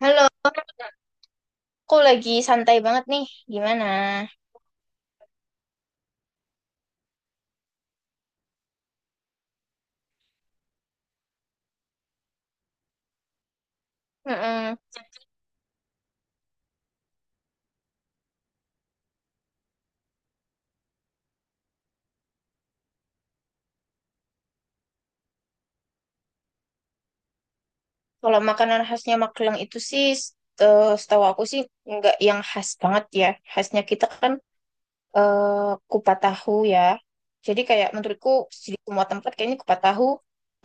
Halo, aku lagi santai banget nih. Gimana? Mm-mm. Kalau makanan khasnya Magelang itu sih, setahu aku sih nggak yang khas banget ya. Khasnya kita kan kupat tahu ya. Jadi kayak menurutku di semua tempat kayaknya kupat tahu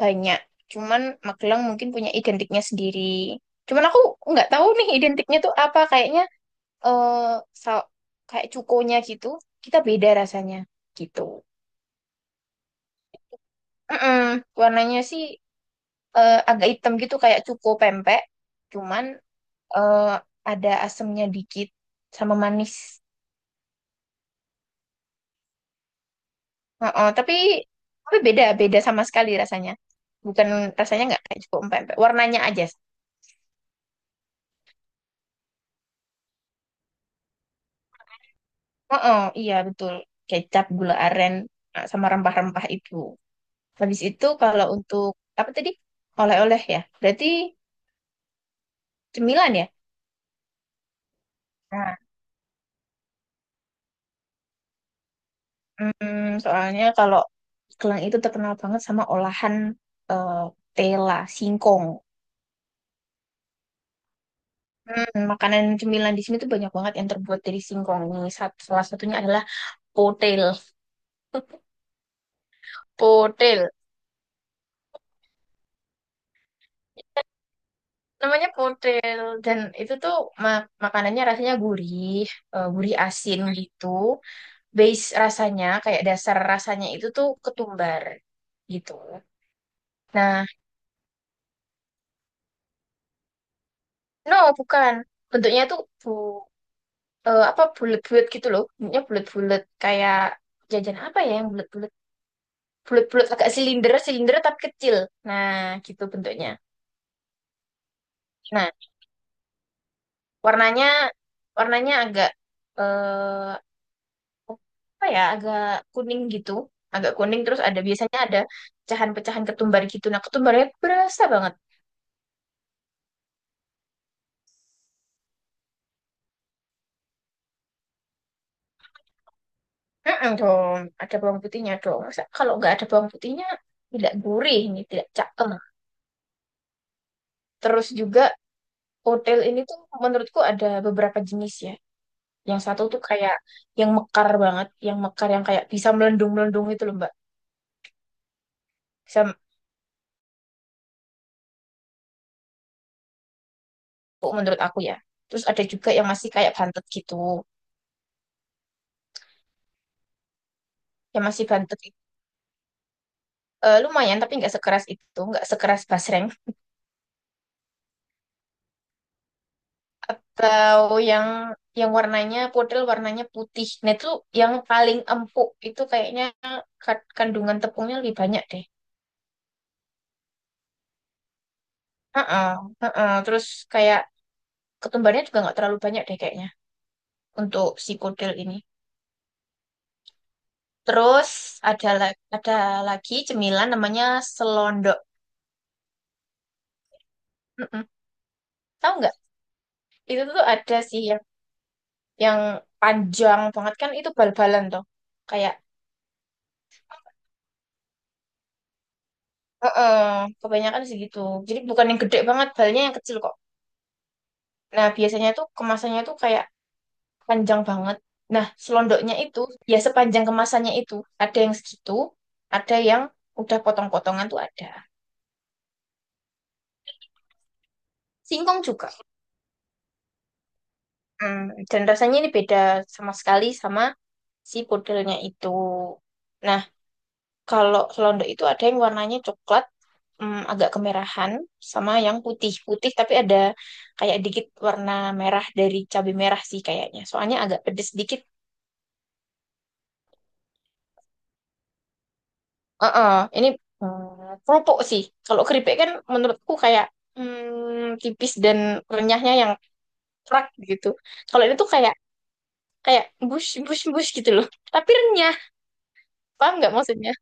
banyak. Cuman Magelang mungkin punya identiknya sendiri. Cuman aku nggak tahu nih identiknya tuh apa. Kayaknya eh sa- kayak cukonya gitu. Kita beda rasanya gitu. Mm-mm. Warnanya sih agak hitam gitu kayak cuko pempek, cuman eh, ada asemnya dikit sama manis. Heeh, tapi beda beda sama sekali rasanya. Bukan, rasanya nggak kayak cuko pempek, warnanya aja. Heeh, iya betul. Kecap, gula aren, sama rempah-rempah itu. Habis itu kalau untuk apa tadi? Oleh-oleh ya. Berarti cemilan ya? Nah, soalnya kalau Kelang itu terkenal banget sama olahan eh, tela, singkong. Makanan cemilan di sini tuh banyak banget yang terbuat dari singkong. Ini salah satunya adalah potel. Potel. Namanya potel dan itu tuh makanannya rasanya gurih, gurih asin gitu. Base rasanya kayak dasar rasanya itu tuh ketumbar gitu. Nah, no bukan. Bentuknya tuh apa, bulat-bulat gitu loh. Bentuknya bulat-bulat kayak jajan apa ya yang bulat-bulat? Bulat-bulat agak silinder, silinder tapi kecil. Nah, gitu bentuknya. Nah, warnanya warnanya agak eh apa ya, agak kuning gitu, agak kuning terus ada, biasanya ada pecahan-pecahan ketumbar gitu, nah ketumbarnya berasa banget. Dong ada bawang putihnya dong. Masa kalau nggak ada bawang putihnya, tidak gurih, ini tidak cakep. Terus juga otel ini tuh menurutku ada beberapa jenis ya. Yang satu tuh kayak yang mekar banget, yang mekar, yang kayak bisa melendung melendung itu loh, mbak. Bisa. Oh, menurut aku ya. Terus ada juga yang masih kayak bantet gitu. Ya masih bantet itu. Lumayan tapi nggak sekeras itu, nggak sekeras basreng. Atau yang yang warnanya, model warnanya putih. Nah itu yang paling empuk itu kayaknya kandungan tepungnya lebih banyak deh. Heeh, heeh. Terus kayak ketumbarnya juga nggak terlalu banyak deh kayaknya untuk si kodel ini. Terus ada lagi cemilan namanya selondok. Mm-mm. Tahu nggak? Itu tuh ada sih yang panjang banget kan itu bal-balan tuh. Kayak. Heeh, kebanyakan segitu. Jadi bukan yang gede banget, balnya yang kecil kok. Nah, biasanya tuh kemasannya tuh kayak panjang banget. Nah, selondoknya itu ya sepanjang kemasannya itu. Ada yang segitu, ada yang udah potong-potongan tuh ada. Singkong juga. Hmm, dan rasanya ini beda sama sekali sama si pudelnya itu. Nah, kalau selondok itu ada yang warnanya coklat, agak kemerahan, sama yang putih-putih tapi ada kayak dikit warna merah dari cabai merah sih kayaknya. Soalnya agak pedes dikit. Heeh, ini keropok sih. Kalau keripik kan menurutku kayak tipis, dan renyahnya yang kerak gitu. Kalau ini tuh kayak kayak bus bus bus gitu loh. Tapi renyah, paham nggak maksudnya?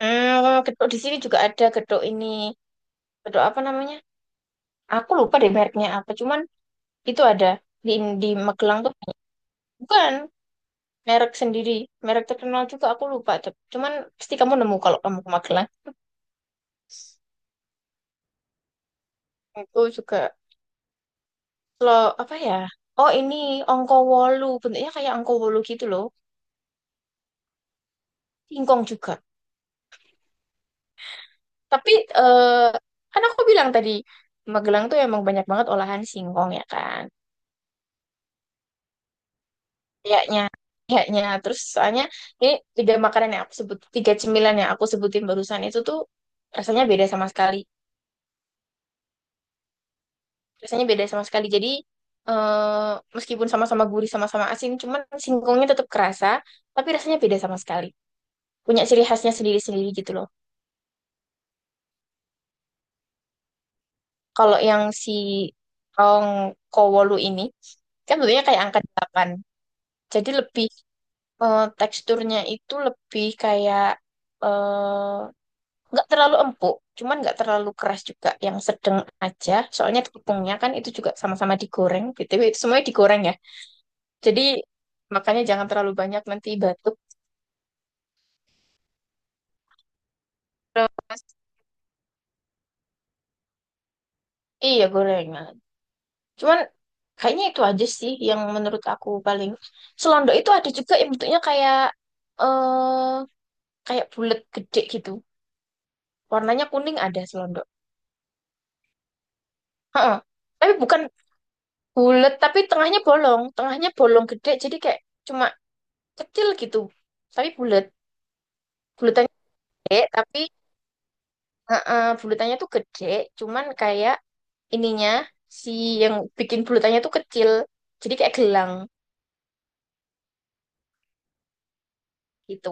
Gedok di sini juga ada gedok ini. Gedok apa namanya? Aku lupa deh mereknya apa. Cuman itu ada di di Magelang tuh banyak. Bukan merek sendiri, merek terkenal juga aku lupa tuh. Cuman pasti kamu nemu kalau kamu ke Magelang. Itu juga lo apa ya? Oh ini angko wolu, bentuknya kayak angko wolu gitu loh. Singkong juga. Tapi eh kan aku bilang tadi, Magelang tuh emang banyak banget olahan singkong ya kan. Kayaknya kayaknya terus, soalnya ini tiga makanan yang aku sebut, tiga cemilan yang aku sebutin barusan itu tuh rasanya beda sama sekali. Rasanya beda sama sekali. Jadi eh, meskipun sama-sama gurih, sama-sama asin, cuman singkongnya tetap kerasa, tapi rasanya beda sama sekali. Punya ciri khasnya sendiri-sendiri gitu loh. Kalau yang si tong kowolu ini, kan bentuknya kayak angka 8. Jadi lebih teksturnya itu lebih kayak eh, nggak terlalu empuk, cuman nggak terlalu keras juga, yang sedang aja. Soalnya tepungnya kan itu juga sama-sama digoreng. BTW itu semuanya digoreng ya. Jadi makanya jangan terlalu banyak, nanti batuk. Terus, iya gorengan. Cuman kayaknya itu aja sih yang menurut aku paling. Selondok itu ada juga yang bentuknya kayak eh kayak bulat gede gitu. Warnanya kuning, ada selondok. Heeh. Tapi bukan, bulat tapi tengahnya bolong. Tengahnya bolong gede, jadi kayak cuma kecil gitu. Tapi bulat. Bulatannya gede tapi heeh, bulatannya tuh gede cuman kayak ininya, si yang bikin bulutannya tuh kecil. Jadi kayak gelang gitu.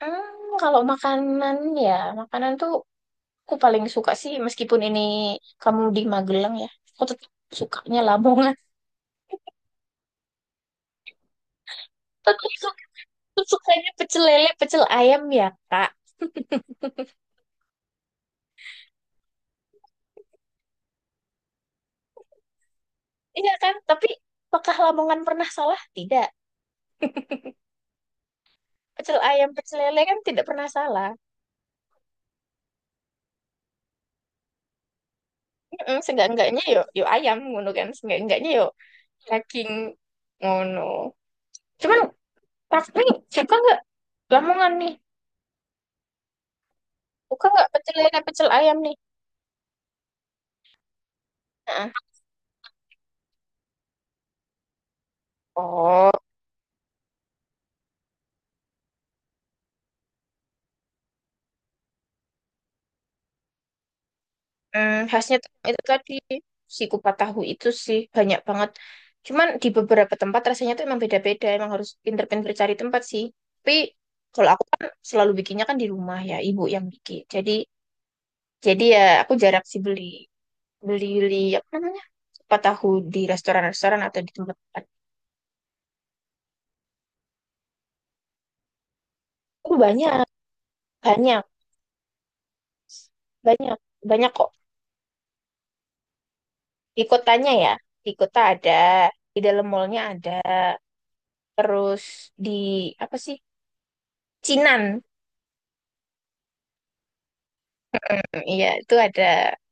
Kalau makanan ya, makanan tuh aku paling suka sih, meskipun ini kamu di Magelang ya, aku tetap sukanya Lamongan. Tetap suka, tetap sukanya pecel lele, pecel ayam ya, Kak. Iya kan? Tapi apakah Lamongan pernah salah? Tidak. Pecel ayam, pecel lele kan tidak pernah salah. Seenggak-enggaknya yo yo ayam ngono kan. Seenggak-enggaknya yo daging ngono. Cuman tapi suka nggak Lamongan nih. Buka nggak pecel lele, pecel ayam nih. Heeh. Oh, khasnya tuh itu tadi si kupat tahu itu sih banyak banget. Cuman di beberapa tempat rasanya tuh emang beda-beda. Emang harus pinter-pinter cari tempat sih. Tapi kalau aku kan selalu bikinnya kan di rumah ya, ibu yang bikin. Jadi ya aku jarang sih beli, beli beli apa namanya, kupat tahu, di restoran-restoran atau di tempat-tempat. Itu banyak, banyak, banyak, banyak kok. Di kotanya ya, di kota ada, di dalam mallnya ada, terus di apa sih, Cinan. Hmm, iya itu ada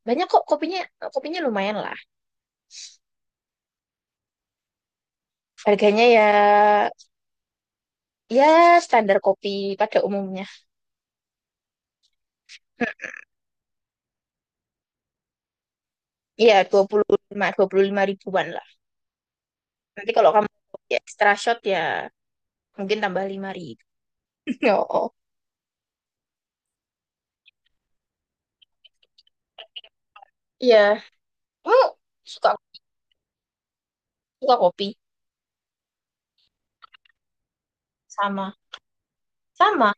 banyak kok kopinya. Kopinya lumayan lah. Harganya ya, ya standar kopi pada umumnya. Hmm, iya, dua puluh lima, 25 ribuan lah. Nanti kalau kamu kopi extra shot ya, mungkin tambah 5 ribu. Oh oh. Iya, kamu suka suka kopi. Sama sama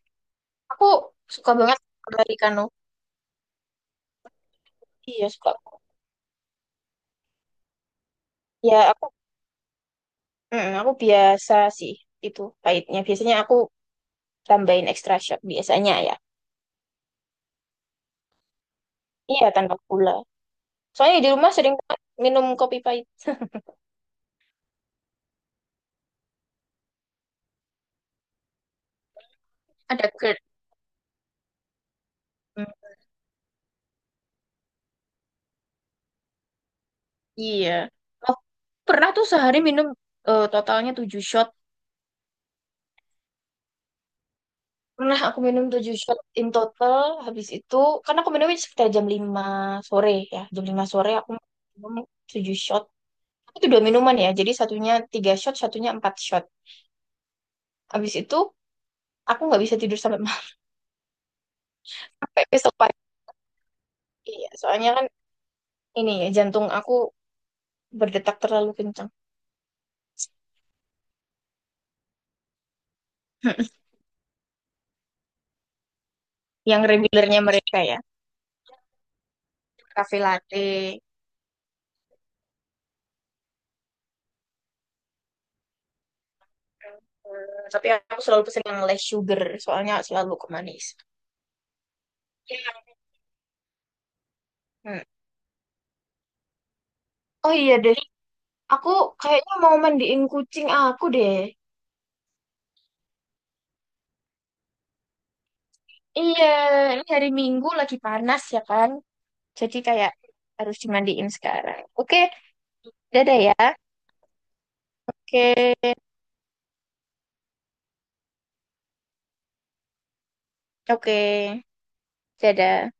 aku, suka banget americano. Iya suka ya. Aku, aku biasa sih itu pahitnya. Biasanya aku tambahin extra shot biasanya ya. Iya, tanpa gula. Soalnya di rumah sering minum kopi pahit. Ada GERD. Mm, iya. Oh, pernah tuh sehari minum totalnya 7 shot. Pernah aku minum 7 shot in total. Habis itu, karena aku minumnya sekitar jam 5 sore ya. jam 5 sore aku minum 7 shot. Itu dua minuman ya. Jadi satunya 3 shot, satunya 4 shot. Habis itu, aku nggak bisa tidur sampai malam. Sampai besok pagi. Iya, soalnya kan ini ya, jantung aku berdetak terlalu kencang. Yang regulernya mereka ya, cafe latte. Eh, tapi aku selalu pesen yang less sugar, soalnya selalu kemanis. Hmm. Oh iya deh, aku kayaknya mau mandiin kucing aku deh. Iya, ini hari Minggu lagi panas ya kan. Jadi kayak harus dimandiin sekarang. Oke, dadah ya. Oke, oke, dadah.